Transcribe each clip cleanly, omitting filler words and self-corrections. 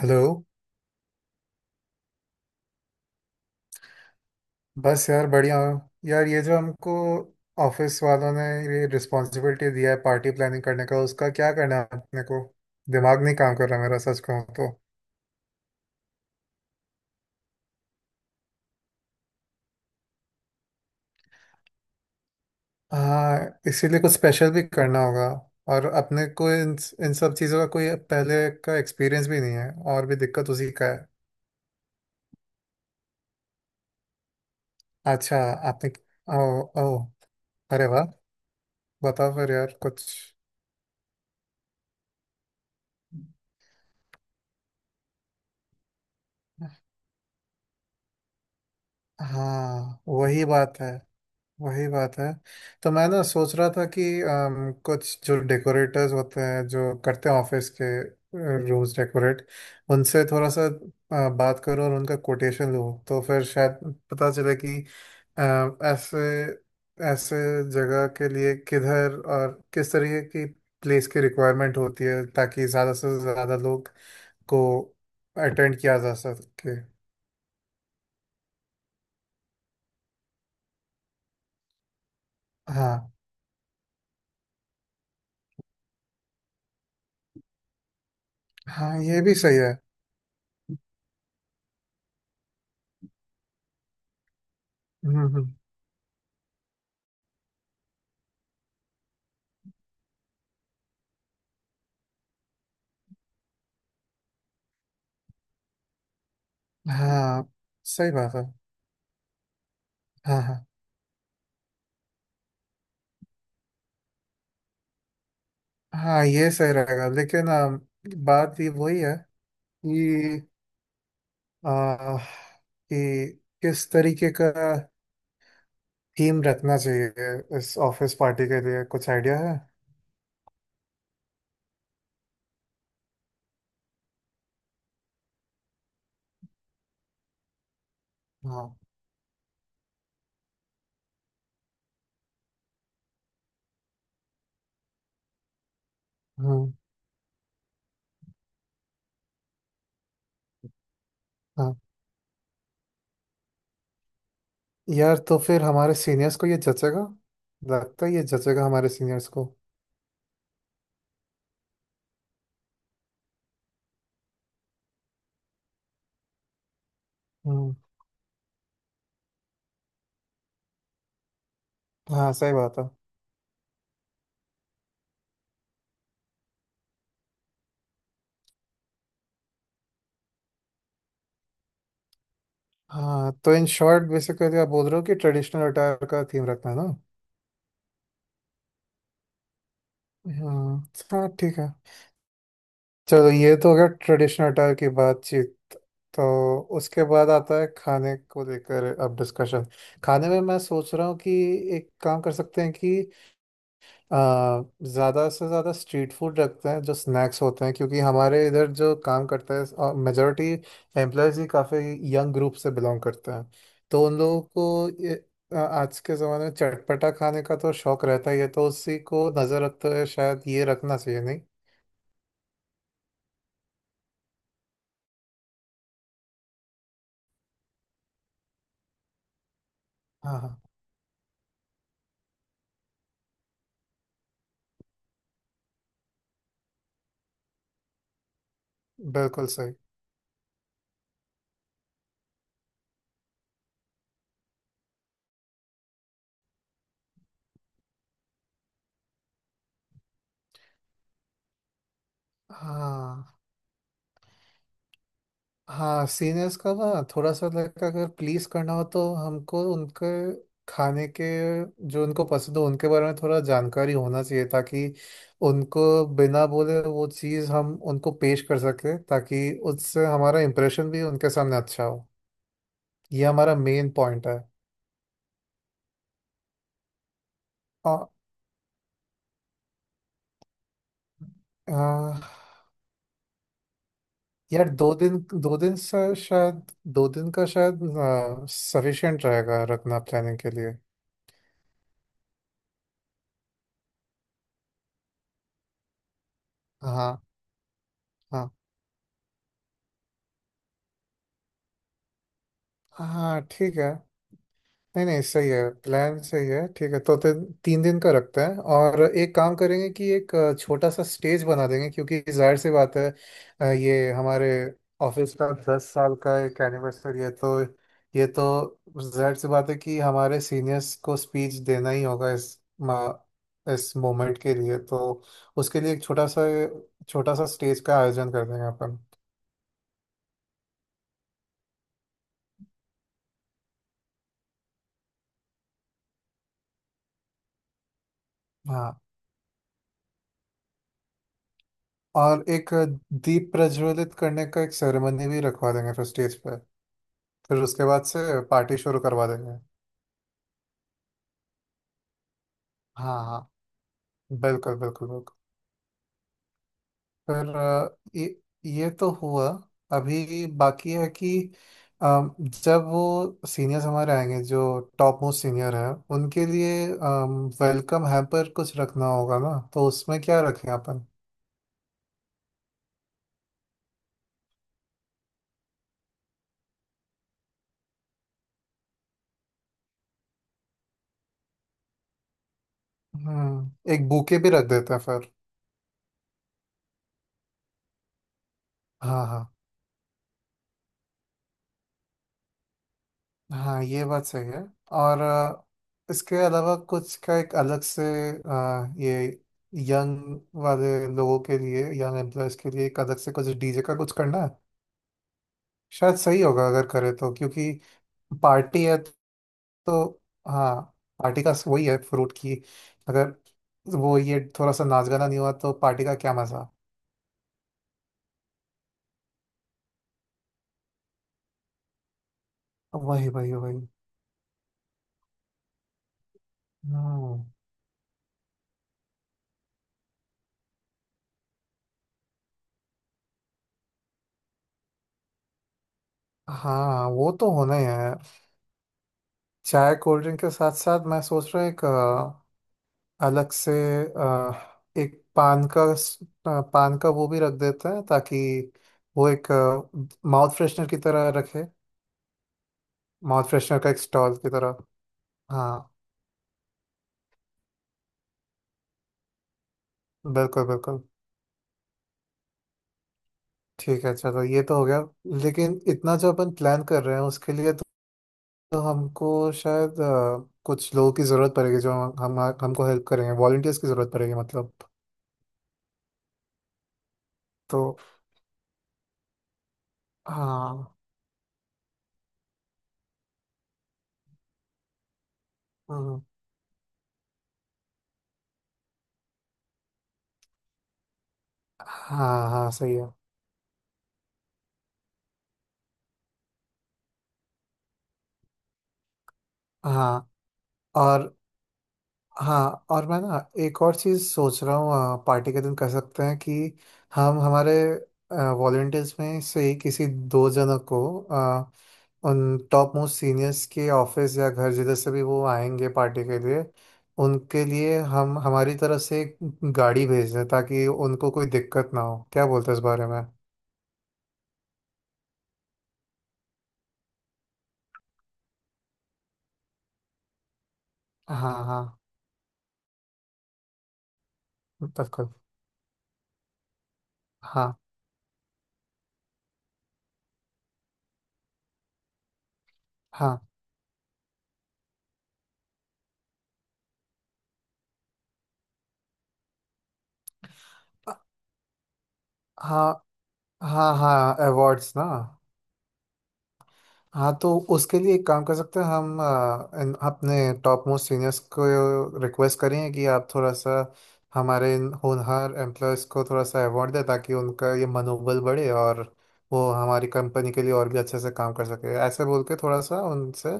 Hello. बस यार बढ़िया हूँ। यार ये जो हमको ऑफिस वालों ने ये रिस्पॉन्सिबिलिटी दिया है पार्टी प्लानिंग करने का, उसका क्या करना है अपने को? दिमाग नहीं काम कर रहा मेरा सच कहूँ तो। हाँ, इसीलिए कुछ स्पेशल भी करना होगा। और अपने को इन इन सब चीज़ों का कोई पहले का एक्सपीरियंस भी नहीं है, और भी दिक्कत उसी का है। अच्छा, आपने? ओ, ओ, अरे वाह! बताओ फिर यार कुछ। हाँ वही बात है, वही बात है। तो मैं ना सोच रहा था कि कुछ जो डेकोरेटर्स होते हैं जो करते हैं ऑफिस के रूम्स डेकोरेट, उनसे थोड़ा सा बात करूं और उनका कोटेशन लूं तो फिर शायद पता चले कि अ, ऐसे ऐसे जगह के लिए किधर और किस तरीके की प्लेस की रिक्वायरमेंट होती है ताकि ज़्यादा से ज़्यादा लोग को अटेंड किया जा सके। हाँ, हाँ ये भी सही है। हम्म, हाँ सही बात है। हाँ हाँ हाँ, ये सही रहेगा लेकिन बात ये वही है कि कि किस तरीके का थीम रखना चाहिए इस ऑफिस पार्टी के लिए, कुछ आइडिया है? हाँ। हम्म। हाँ। यार, तो फिर हमारे सीनियर्स को ये जचेगा? लगता है ये जचेगा हमारे सीनियर्स को। हम्म। हाँ सही बात है। हाँ, तो इन शॉर्ट बेसिकली आप बोल रहे हो कि ट्रेडिशनल अटायर का थीम रखना है ना। हम्म। हाँ ठीक है। चलो, ये तो हो गया ट्रेडिशनल अटायर की बातचीत। तो उसके बाद आता है खाने को लेकर अब डिस्कशन। खाने में मैं सोच रहा हूँ कि एक काम कर सकते हैं कि ज़्यादा से ज़्यादा स्ट्रीट फूड रखते हैं जो स्नैक्स होते हैं, क्योंकि हमारे इधर जो काम करते हैं मेजोरिटी एम्प्लॉयज़ ही, काफ़ी यंग ग्रुप से बिलोंग करते हैं। तो उन लोगों को आज के ज़माने में चटपटा खाने का तो शौक रहता ही है, तो उसी को नज़र रखते हुए शायद ये रखना चाहिए नहीं? हाँ हाँ। बिल्कुल सही। हाँ, हाँ सीनियर्स का ना थोड़ा सा लाइक अगर प्लीज करना हो तो हमको उनके खाने के जो उनको पसंद हो उनके बारे में थोड़ा जानकारी होना चाहिए, ताकि उनको बिना बोले वो चीज़ हम उनको पेश कर सके, ताकि उससे हमारा इम्प्रेशन भी उनके सामने अच्छा हो। ये हमारा मेन पॉइंट है। आ, आ, यार, दो दिन से शायद, दो दिन का शायद सफिशिएंट रहेगा रखना प्लानिंग के लिए। हाँ हाँ। हाँ ठीक है, नहीं नहीं सही है, प्लान सही है। ठीक है तो फिर तीन दिन का रखते हैं। और एक काम करेंगे कि एक छोटा सा स्टेज बना देंगे क्योंकि जाहिर सी बात है, ये हमारे ऑफिस का दस साल का एक एनिवर्सरी है तो ये तो जाहिर सी बात है कि हमारे सीनियर्स को स्पीच देना ही होगा इस इस मोमेंट के लिए। तो उसके लिए एक छोटा सा स्टेज का आयोजन कर देंगे अपन। हाँ। और एक दीप प्रज्वलित करने का एक सेरेमनी भी रखवा देंगे फिर स्टेज पे। फिर उसके बाद से पार्टी शुरू करवा देंगे। हाँ हाँ, बिल्कुल बिल्कुल बिल्कुल। फिर ये ये तो हुआ। अभी बाकी है कि अ, जब वो सीनियर्स हमारे आएंगे जो टॉप मोस्ट सीनियर है, उनके लिए वेलकम हैम्पर कुछ रखना होगा ना, तो उसमें क्या रखें अपन? हम्म, एक बूके भी रख देते हैं फिर। हाँ हाँ हाँ ये बात सही है। और इसके अलावा कुछ का एक अलग से, ये यंग वाले लोगों के लिए, यंग एम्प्लॉयज के लिए एक अलग से कुछ डीजे का कुछ करना है शायद सही होगा अगर करे तो, क्योंकि पार्टी है तो। हाँ, पार्टी का वही है फ्रूट की, अगर वो ये थोड़ा सा नाच गाना नहीं हुआ तो पार्टी का क्या मजा। वही वही वही। हम्म। हाँ वो तो होना ही है। चाय कोल्ड ड्रिंक के साथ साथ मैं सोच रहा हूँ एक अलग से अ, एक पान का स- अ, पान का वो भी रख देते हैं ताकि वो एक माउथ फ्रेशनर की तरह रखे, माउथ फ्रेशनर का एक स्टॉल की तरह। हाँ, बिल्कुल बिल्कुल। ठीक है, चलो ये तो हो गया। लेकिन इतना जो अपन प्लान कर रहे हैं उसके लिए तो हमको शायद कुछ लोगों की ज़रूरत पड़ेगी जो हम हमको हेल्प करेंगे, वॉलंटियर्स की ज़रूरत पड़ेगी मतलब। तो हाँ। हम्म। हाँ हाँ सही है। हाँ और। हाँ और मैं ना एक और चीज़ सोच रहा हूँ पार्टी के दिन कर सकते हैं कि हम हमारे वॉलेंटियर्स में से ही किसी दो जनों को उन टॉप मोस्ट सीनियर्स के ऑफिस या घर जिधर से भी वो आएंगे पार्टी के लिए, उनके लिए हम हमारी तरफ से एक गाड़ी भेज दें ताकि उनको कोई दिक्कत ना हो, क्या बोलते हैं इस बारे में? हाँ हाँ, बिल्कुल। हाँ हाँ हाँ, हाँ हाँ हाँ अवार्ड्स ना। हाँ, तो उसके लिए एक काम कर सकते हैं हम अपने टॉप मोस्ट सीनियर्स को रिक्वेस्ट करें कि आप थोड़ा सा हमारे इन होनहार एम्प्लॉयज़ को थोड़ा सा अवार्ड दें, ताकि उनका ये मनोबल बढ़े और वो हमारी कंपनी के लिए और भी अच्छे से काम कर सके, ऐसे बोल के थोड़ा सा उनसे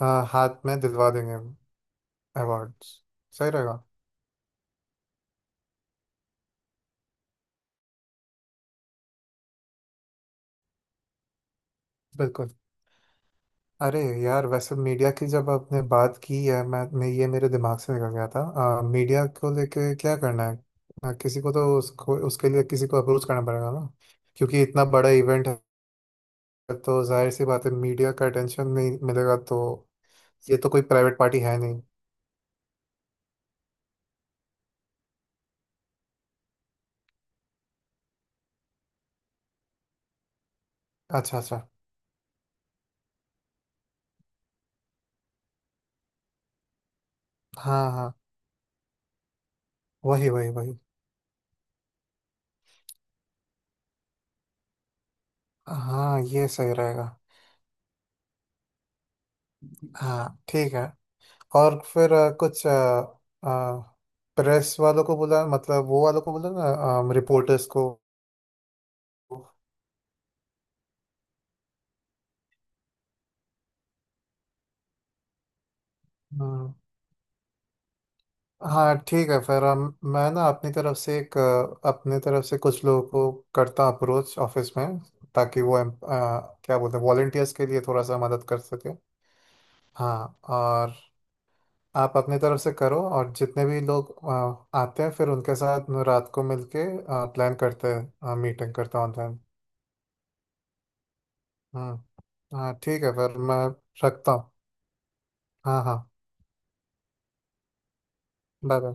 अ, हाथ में दिलवा देंगे अवार्ड्स। सही रहेगा। बिल्कुल। अरे यार, वैसे मीडिया की जब आपने बात की है, मैं ये मेरे दिमाग से निकल गया था। मीडिया को लेके क्या करना है? किसी को तो उसको उसके लिए किसी को अप्रोच करना पड़ेगा ना, क्योंकि इतना बड़ा इवेंट है, तो जाहिर सी बात है मीडिया का अटेंशन नहीं मिलेगा तो, ये तो कोई प्राइवेट पार्टी है नहीं। अच्छा अच्छा। हाँ हाँ, वही वही वही। हाँ ये सही रहेगा। हाँ ठीक है। और फिर कुछ प्रेस वालों को बुला, मतलब वो वालों को बुला ना, रिपोर्टर्स को। हाँ। हाँ, ठीक है फिर हम, मैं ना अपनी तरफ से एक अपने तरफ से कुछ लोगों को करता हूँ अप्रोच ऑफिस में, ताकि वो क्या बोलते हैं वॉलेंटियर्स के लिए थोड़ा सा मदद कर सके। हाँ और। आप अपनी तरफ से करो और जितने भी लोग आते हैं फिर उनके साथ मैं रात को मिलके प्लान करते हैं, मीटिंग करता हूँ ऑनलाइन। हम्म, हाँ ठीक है फिर मैं रखता हूँ। हाँ हाँ। Bye bye.